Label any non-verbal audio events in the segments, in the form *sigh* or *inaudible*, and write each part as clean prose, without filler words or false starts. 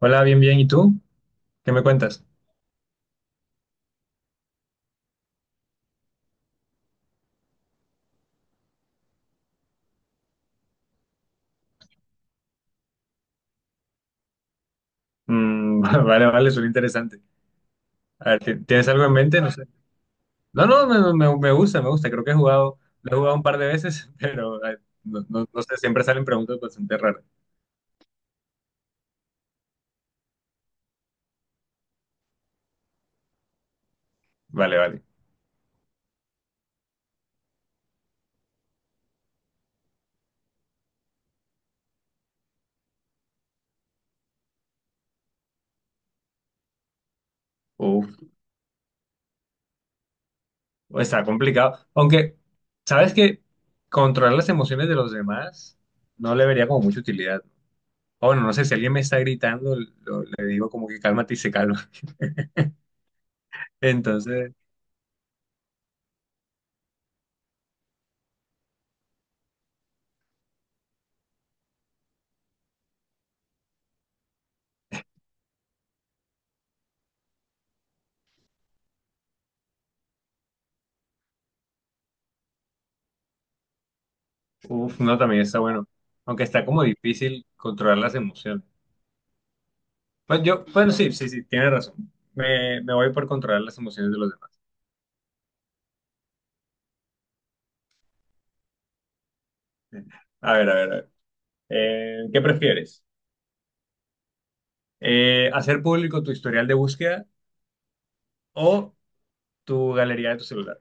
Hola, bien, bien. ¿Y tú? ¿Qué me cuentas? Mm, *laughs* vale, vale, suena interesante. A ver, ¿tienes algo en mente? No sé. No, no, me gusta, me gusta. Creo que he jugado, lo he jugado un par de veces, *laughs* pero no, no sé, siempre salen preguntas bastante raras. Vale, vale. Uf, está complicado. Aunque, ¿sabes que controlar las emociones de los demás no le vería como mucha utilidad? O bueno, no sé, si alguien me está gritando, le digo como que cálmate y se calma. *laughs* Entonces, uf, no, también está bueno. Aunque está como difícil controlar las emociones. Pues yo, bueno, sí, sí, sí, tienes razón. Me voy por controlar las emociones de los demás. A ver, a ver, a ver. ¿Qué prefieres? ¿Hacer público tu historial de búsqueda o tu galería de tu celular?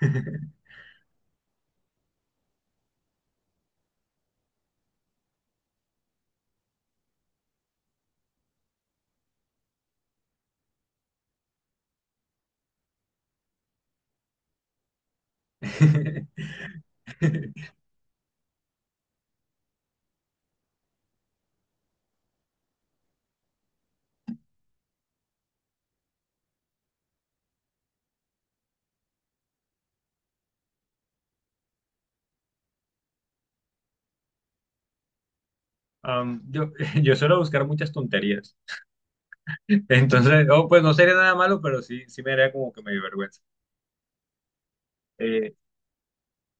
*laughs* Um, yo, yo suelo buscar muchas tonterías. Entonces, oh, pues no sería nada malo, pero sí, sí me haría como que me dio vergüenza. Eh,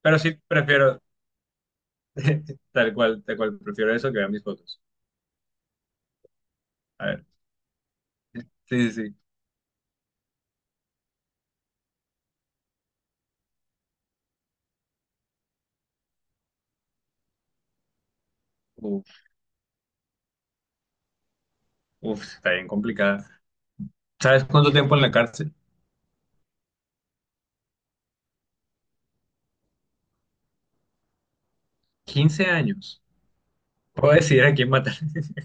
pero sí prefiero, tal cual, prefiero eso que ver mis fotos. A ver, sí, sí, sí. Uf, uf, está bien complicada. ¿Sabes cuánto tiempo en la cárcel? 15 años. Puedo decidir a quién matar. *laughs*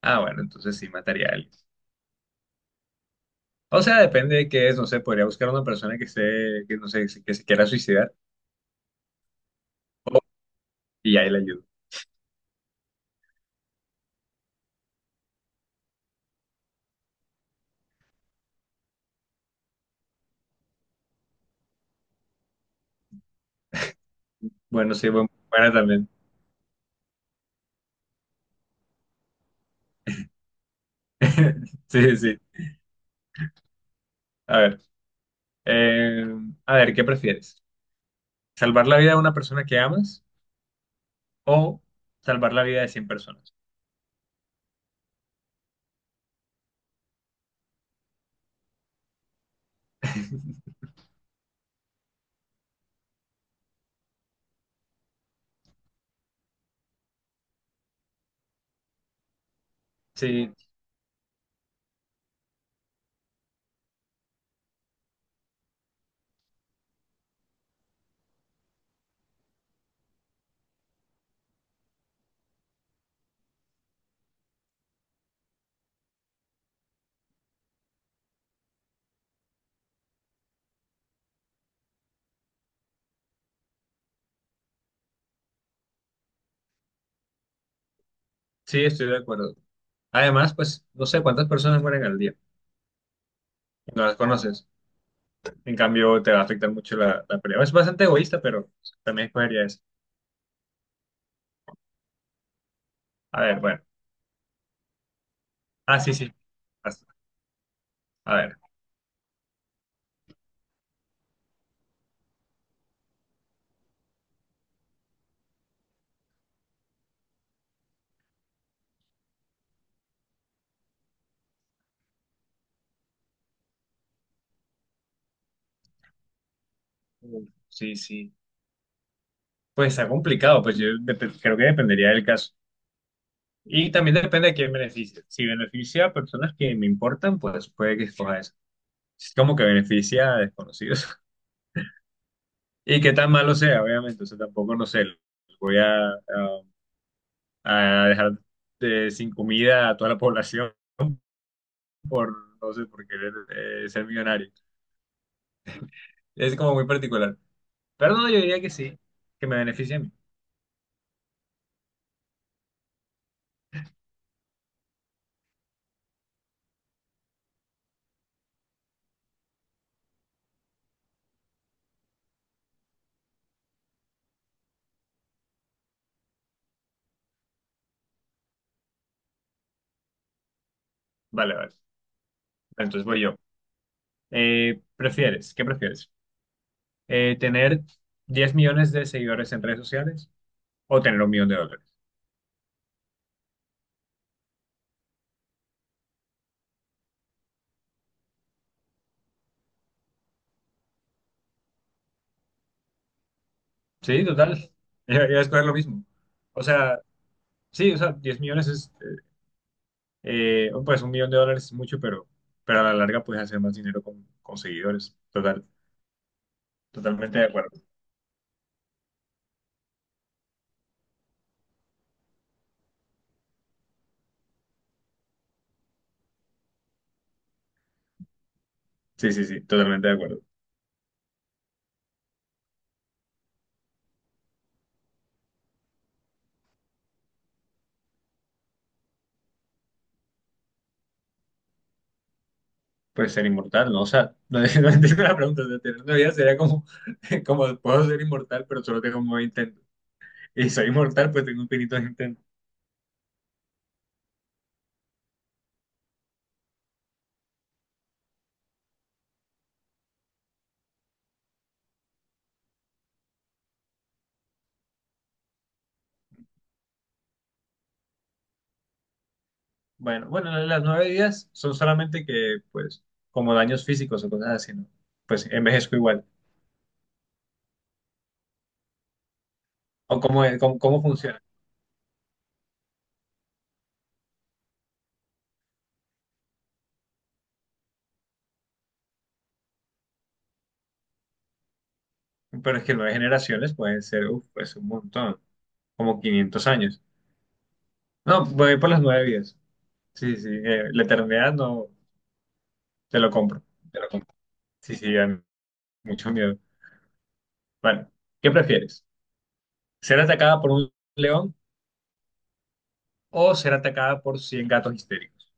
Ah, bueno, entonces sí mataría a alguien. O sea, depende de qué es, no sé, podría buscar a una persona que esté, que no sé, que se quiera suicidar o- y ahí le ayudo. Bueno, sí, buena también. *laughs* Sí, sí. A ver, eh, a ver, ¿qué prefieres? ¿Salvar la vida de una persona que amas o salvar la vida de 100 personas? Sí, sí, estoy de acuerdo. Además, pues no sé cuántas personas mueren al día. No las conoces. En cambio, te va a afectar mucho la pelea. Es bastante egoísta, pero también escogería eso. A ver, bueno. Ah, sí, sí. As- A ver. Uf, sí, sí. Pues está complicado, pues yo creo que dependería del caso. Y también depende de quién beneficia. Si beneficia a personas que me importan, pues puede que escoja eso. Es como que beneficia a desconocidos. *laughs* Y qué tan malo sea, obviamente. O sea, tampoco, no sé, voy a dejar sin comida a toda la población *laughs* por, no sé, por querer ser millonario. Es como muy particular. Pero no, yo diría que sí, que me beneficia a mí. Vale, vale. Entonces voy yo. ¿Prefieres? ¿Qué prefieres? ¿Tener 10 millones de seguidores en redes sociales o tener un millón de dólares? Sí, total. *laughs* Yo voy a escoger lo mismo. O sea, sí, o sea, 10 millones es, oh, pues un millón de dólares es mucho, pero a la larga puedes hacer más dinero con, seguidores. Total, totalmente de acuerdo. Sí, sí, sí, totalmente de acuerdo. Puedes ser inmortal, ¿no? O sea, no, *laughs* no entiendo la pregunta. O sea, tener una vida sería como, *laughs* como, puedo ser inmortal, pero solo tengo un nuevo intento. Y soy inmortal, pues tengo infinitos intentos. Bueno, bueno, las nueve vidas son solamente que, pues, como daños físicos o cosas así, ¿no? Pues envejezco igual. O cómo, cómo funciona. Pero es que nueve generaciones pueden ser, uf, pues un montón, como 500 años. No, voy por las nueve vidas. Sí, sí, la eternidad no, te lo compro, te lo compro. Sí, sí, dan mucho miedo. Bueno, ¿qué prefieres? ¿Ser atacada por un león o ser atacada por 100 gatos histéricos?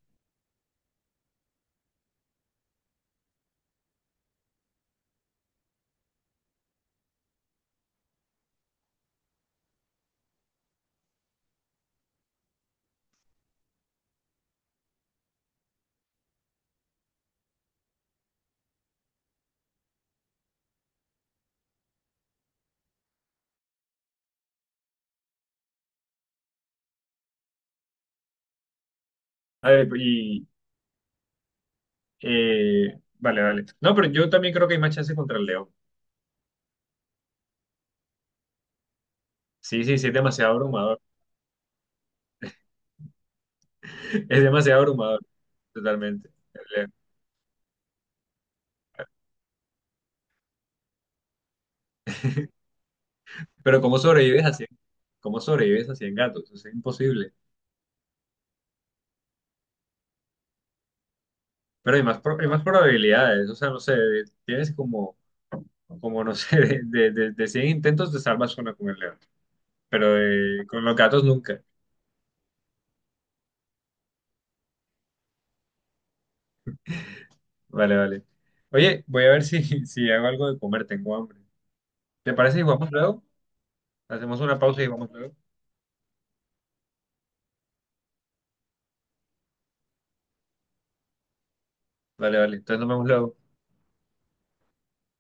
A ver, vale, vale. No, pero yo también creo que hay más chance contra el león. Sí, sí, sí, es demasiado abrumador. *laughs* Es demasiado abrumador, totalmente. Pero ¿cómo sobrevives a 100? ¿Cómo sobrevives a 100 gatos? Es imposible. Pero hay más, hay más probabilidades. O sea, no sé, tienes como no sé, *laughs* de 100 intentos te salvas una con el león. Pero con los gatos nunca. Vale, vale. Oye, voy a ver si, *laughs* si hago algo de comer, tengo hambre. ¿Te parece si jugamos luego? Hacemos una pausa y jugamos luego. Vale, vale. Entonces nos vemos luego.